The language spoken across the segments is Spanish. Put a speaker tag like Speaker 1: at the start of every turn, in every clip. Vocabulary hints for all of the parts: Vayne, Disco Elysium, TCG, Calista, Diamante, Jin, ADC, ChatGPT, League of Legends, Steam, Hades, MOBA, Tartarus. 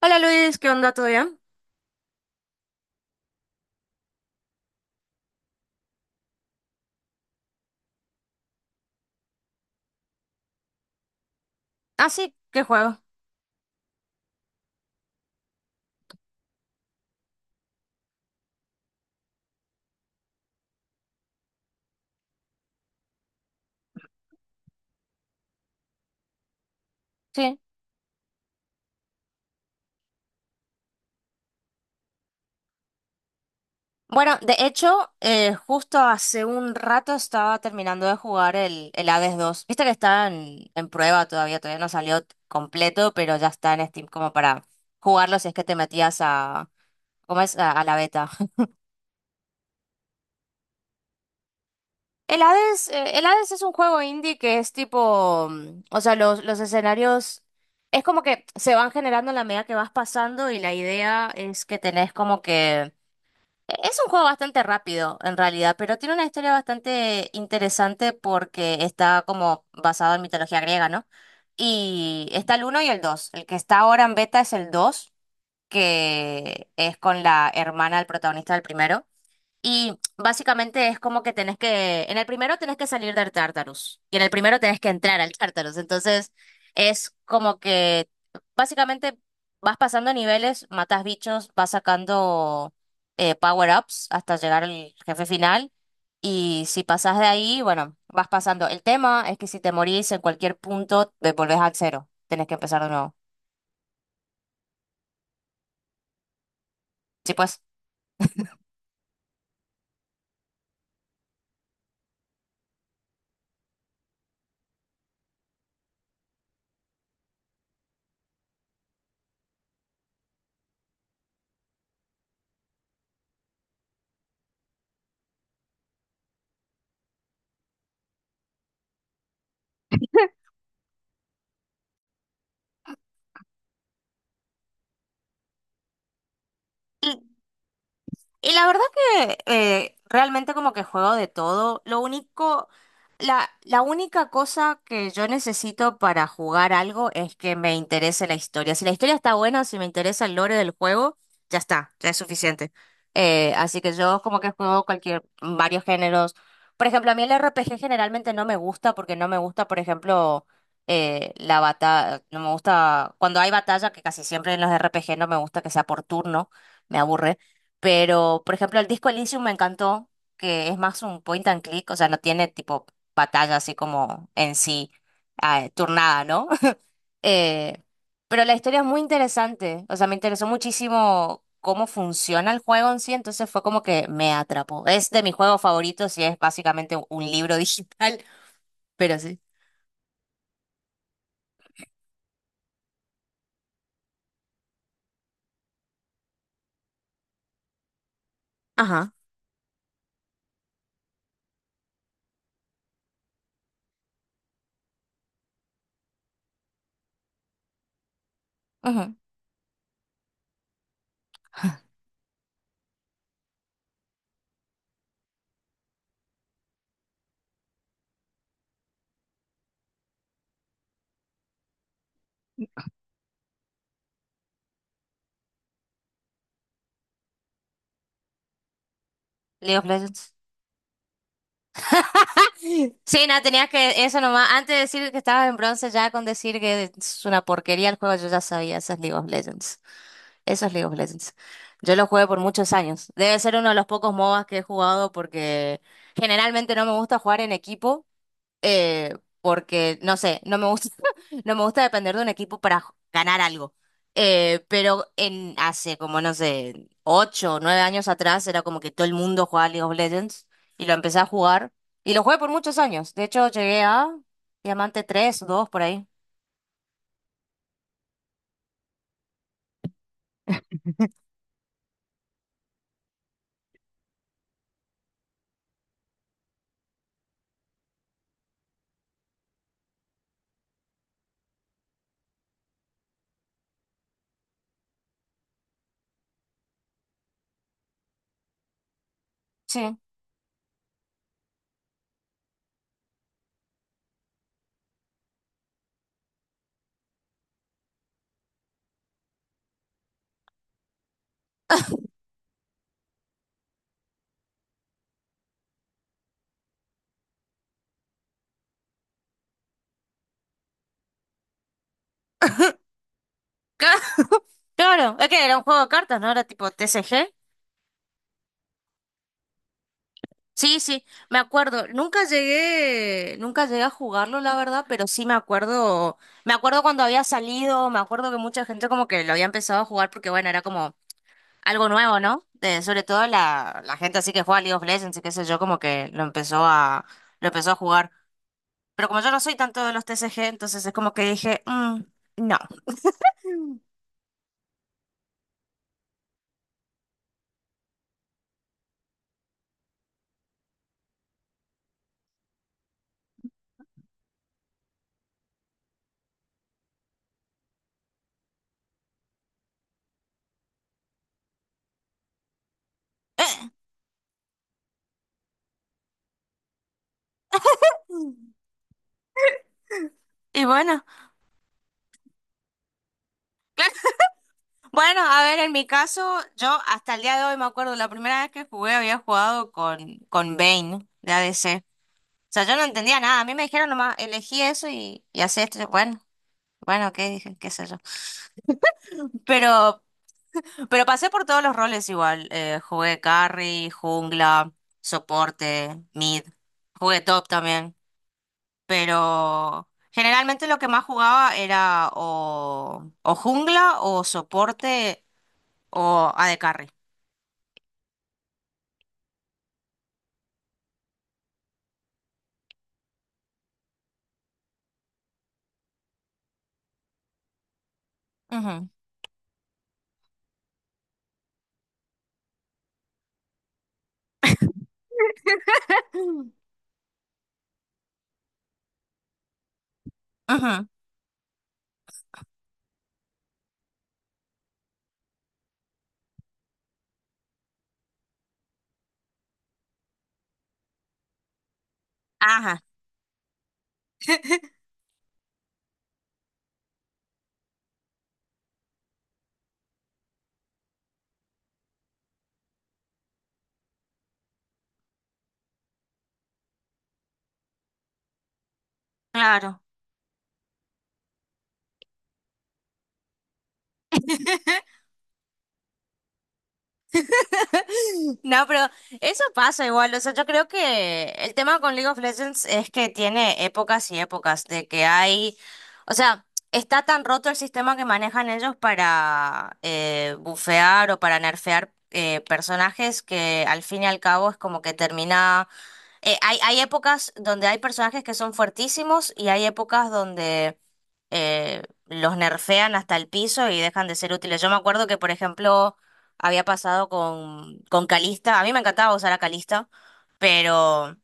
Speaker 1: Hola Luis, ¿qué onda? ¿Todo bien? Ah, sí, ¿qué juego? Sí. Bueno, de hecho, justo hace un rato estaba terminando de jugar el Hades 2. Viste que está en prueba todavía, todavía no salió t- completo, pero ya está en Steam como para jugarlo si es que te metías a, ¿cómo es? A la beta. El Hades es un juego indie que es tipo, o sea, los escenarios es como que se van generando en la medida que vas pasando y la idea es que tenés como que. Es un juego bastante rápido, en realidad, pero tiene una historia bastante interesante porque está como basado en mitología griega, ¿no? Y está el uno y el 2. El que está ahora en beta es el 2, que es con la hermana del protagonista del primero. Y básicamente es como que tenés que, en el primero tenés que salir del Tartarus y en el primero tenés que entrar al Tartarus. Entonces es como que básicamente vas pasando niveles, matas bichos, vas sacando power-ups hasta llegar al jefe final. Y si pasás de ahí, bueno, vas pasando. El tema es que si te morís en cualquier punto, te volvés al cero. Tenés que empezar de nuevo. Sí, pues. Y la verdad que realmente como que juego de todo. Lo único, la única cosa que yo necesito para jugar algo es que me interese la historia. Si la historia está buena, si me interesa el lore del juego, ya está, ya es suficiente. Así que yo como que juego cualquier, varios géneros. Por ejemplo, a mí el RPG generalmente no me gusta porque no me gusta, por ejemplo, la batalla, no me gusta, cuando hay batalla, que casi siempre en los RPG no me gusta que sea por turno, me aburre. Pero, por ejemplo, el disco Elysium me encantó, que es más un point and click, o sea, no tiene tipo batalla así como en sí, turnada, ¿no? Eh, pero la historia es muy interesante, o sea, me interesó muchísimo cómo funciona el juego en sí, entonces fue como que me atrapó. Es de mis juegos favoritos y es básicamente un libro digital, pero sí. Ajá. Ujú. League of Legends. Sí, nada, tenías que, eso nomás, antes de decir que estabas en bronce, ya con decir que es una porquería el juego, yo ya sabía, esas League of Legends. Eso es League of Legends. Yo lo jugué por muchos años. Debe ser uno de los pocos MOBAs que he jugado porque generalmente no me gusta jugar en equipo porque, no sé, no me gusta, no me gusta depender de un equipo para ganar algo. Pero en hace como, no sé, 8 o 9 años atrás era como que todo el mundo jugaba League of Legends y lo empecé a jugar y lo jugué por muchos años. De hecho, llegué a Diamante III-II por ahí. Sí. Claro, es que era un juego de cartas, ¿no? Era tipo TCG. Sí, sí, me acuerdo. Nunca llegué a jugarlo, la verdad, pero sí me acuerdo cuando había salido, me acuerdo que mucha gente como que lo había empezado a jugar porque bueno, era como algo nuevo, ¿no? Sobre todo la gente así que juega League of Legends y qué sé yo, como que lo empezó a jugar. Pero como yo no soy tanto de los TCG, entonces es como que dije, "Mm, no". Y bueno, claro. Bueno, a ver, en mi caso, yo hasta el día de hoy me acuerdo, la primera vez que jugué había jugado con Vayne de ADC. O sea, yo no entendía nada. A mí me dijeron nomás, elegí eso y hacé esto. Ok, dije, qué sé yo. Pero, pero pasé por todos los roles igual. Jugué carry, jungla, soporte, mid. Jugué top también. Pero generalmente lo que más jugaba era o jungla o soporte o a AD carry. Ujú. Ujú. Ajá. Claro. No, pero eso pasa igual. O sea, yo creo que el tema con League of Legends es que tiene épocas y épocas de que hay, o sea, está tan roto el sistema que manejan ellos para bufear o para nerfear personajes que al fin y al cabo es como que termina hay épocas donde hay personajes que son fuertísimos y hay épocas donde eh, los nerfean hasta el piso y dejan de ser útiles. Yo me acuerdo que, por ejemplo, había pasado con Calista. A mí me encantaba usar a Calista, pero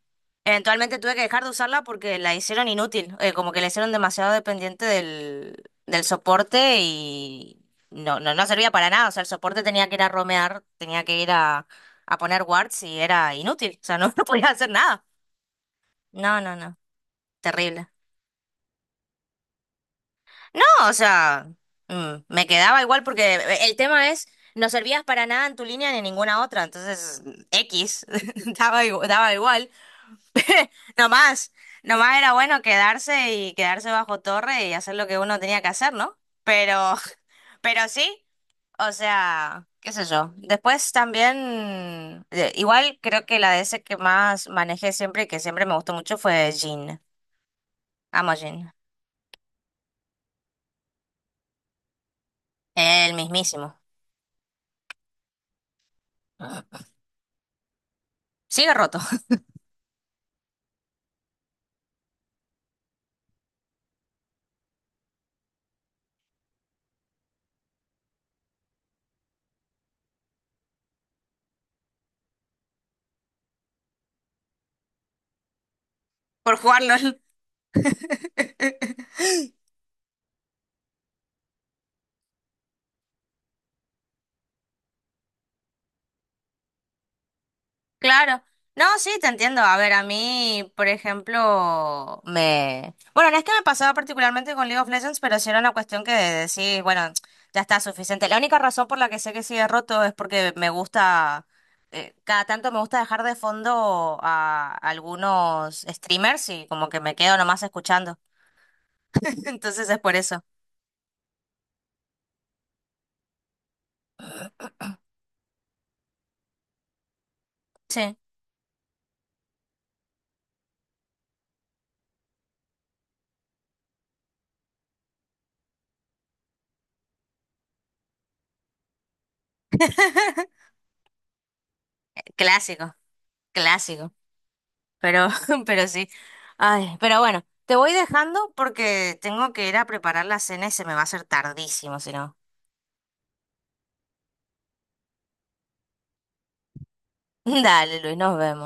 Speaker 1: eventualmente tuve que dejar de usarla porque la hicieron inútil. Como que la hicieron demasiado dependiente del soporte y no, no servía para nada. O sea, el soporte tenía que ir a romear, tenía que ir a poner wards y era inútil, o sea, no, no podía hacer nada. No, no, no, terrible. No, o sea, me quedaba igual porque el tema es, no servías para nada en tu línea ni en ninguna otra, entonces X, daba igual, daba igual. Nomás, nomás era bueno quedarse y quedarse bajo torre y hacer lo que uno tenía que hacer, ¿no? Pero, pero sí, o sea, qué sé yo. Después también, igual creo que la DS que más manejé siempre y que siempre me gustó mucho fue Jin. Amo Jin, el mismísimo. Sigue roto por jugar LOL. Claro. No, sí, te entiendo. A ver, a mí, por ejemplo, me... Bueno, no es que me pasaba particularmente con League of Legends, pero sí era una cuestión que decís, bueno, ya está suficiente. La única razón por la que sé que sigue roto es porque me gusta, cada tanto me gusta dejar de fondo a algunos streamers y como que me quedo nomás escuchando. Entonces es por eso. Sí. Clásico, clásico. Pero, pero sí. Ay, pero bueno, te voy dejando porque tengo que ir a preparar la cena y se me va a hacer tardísimo, si no. Dale, Luis, nos vemos.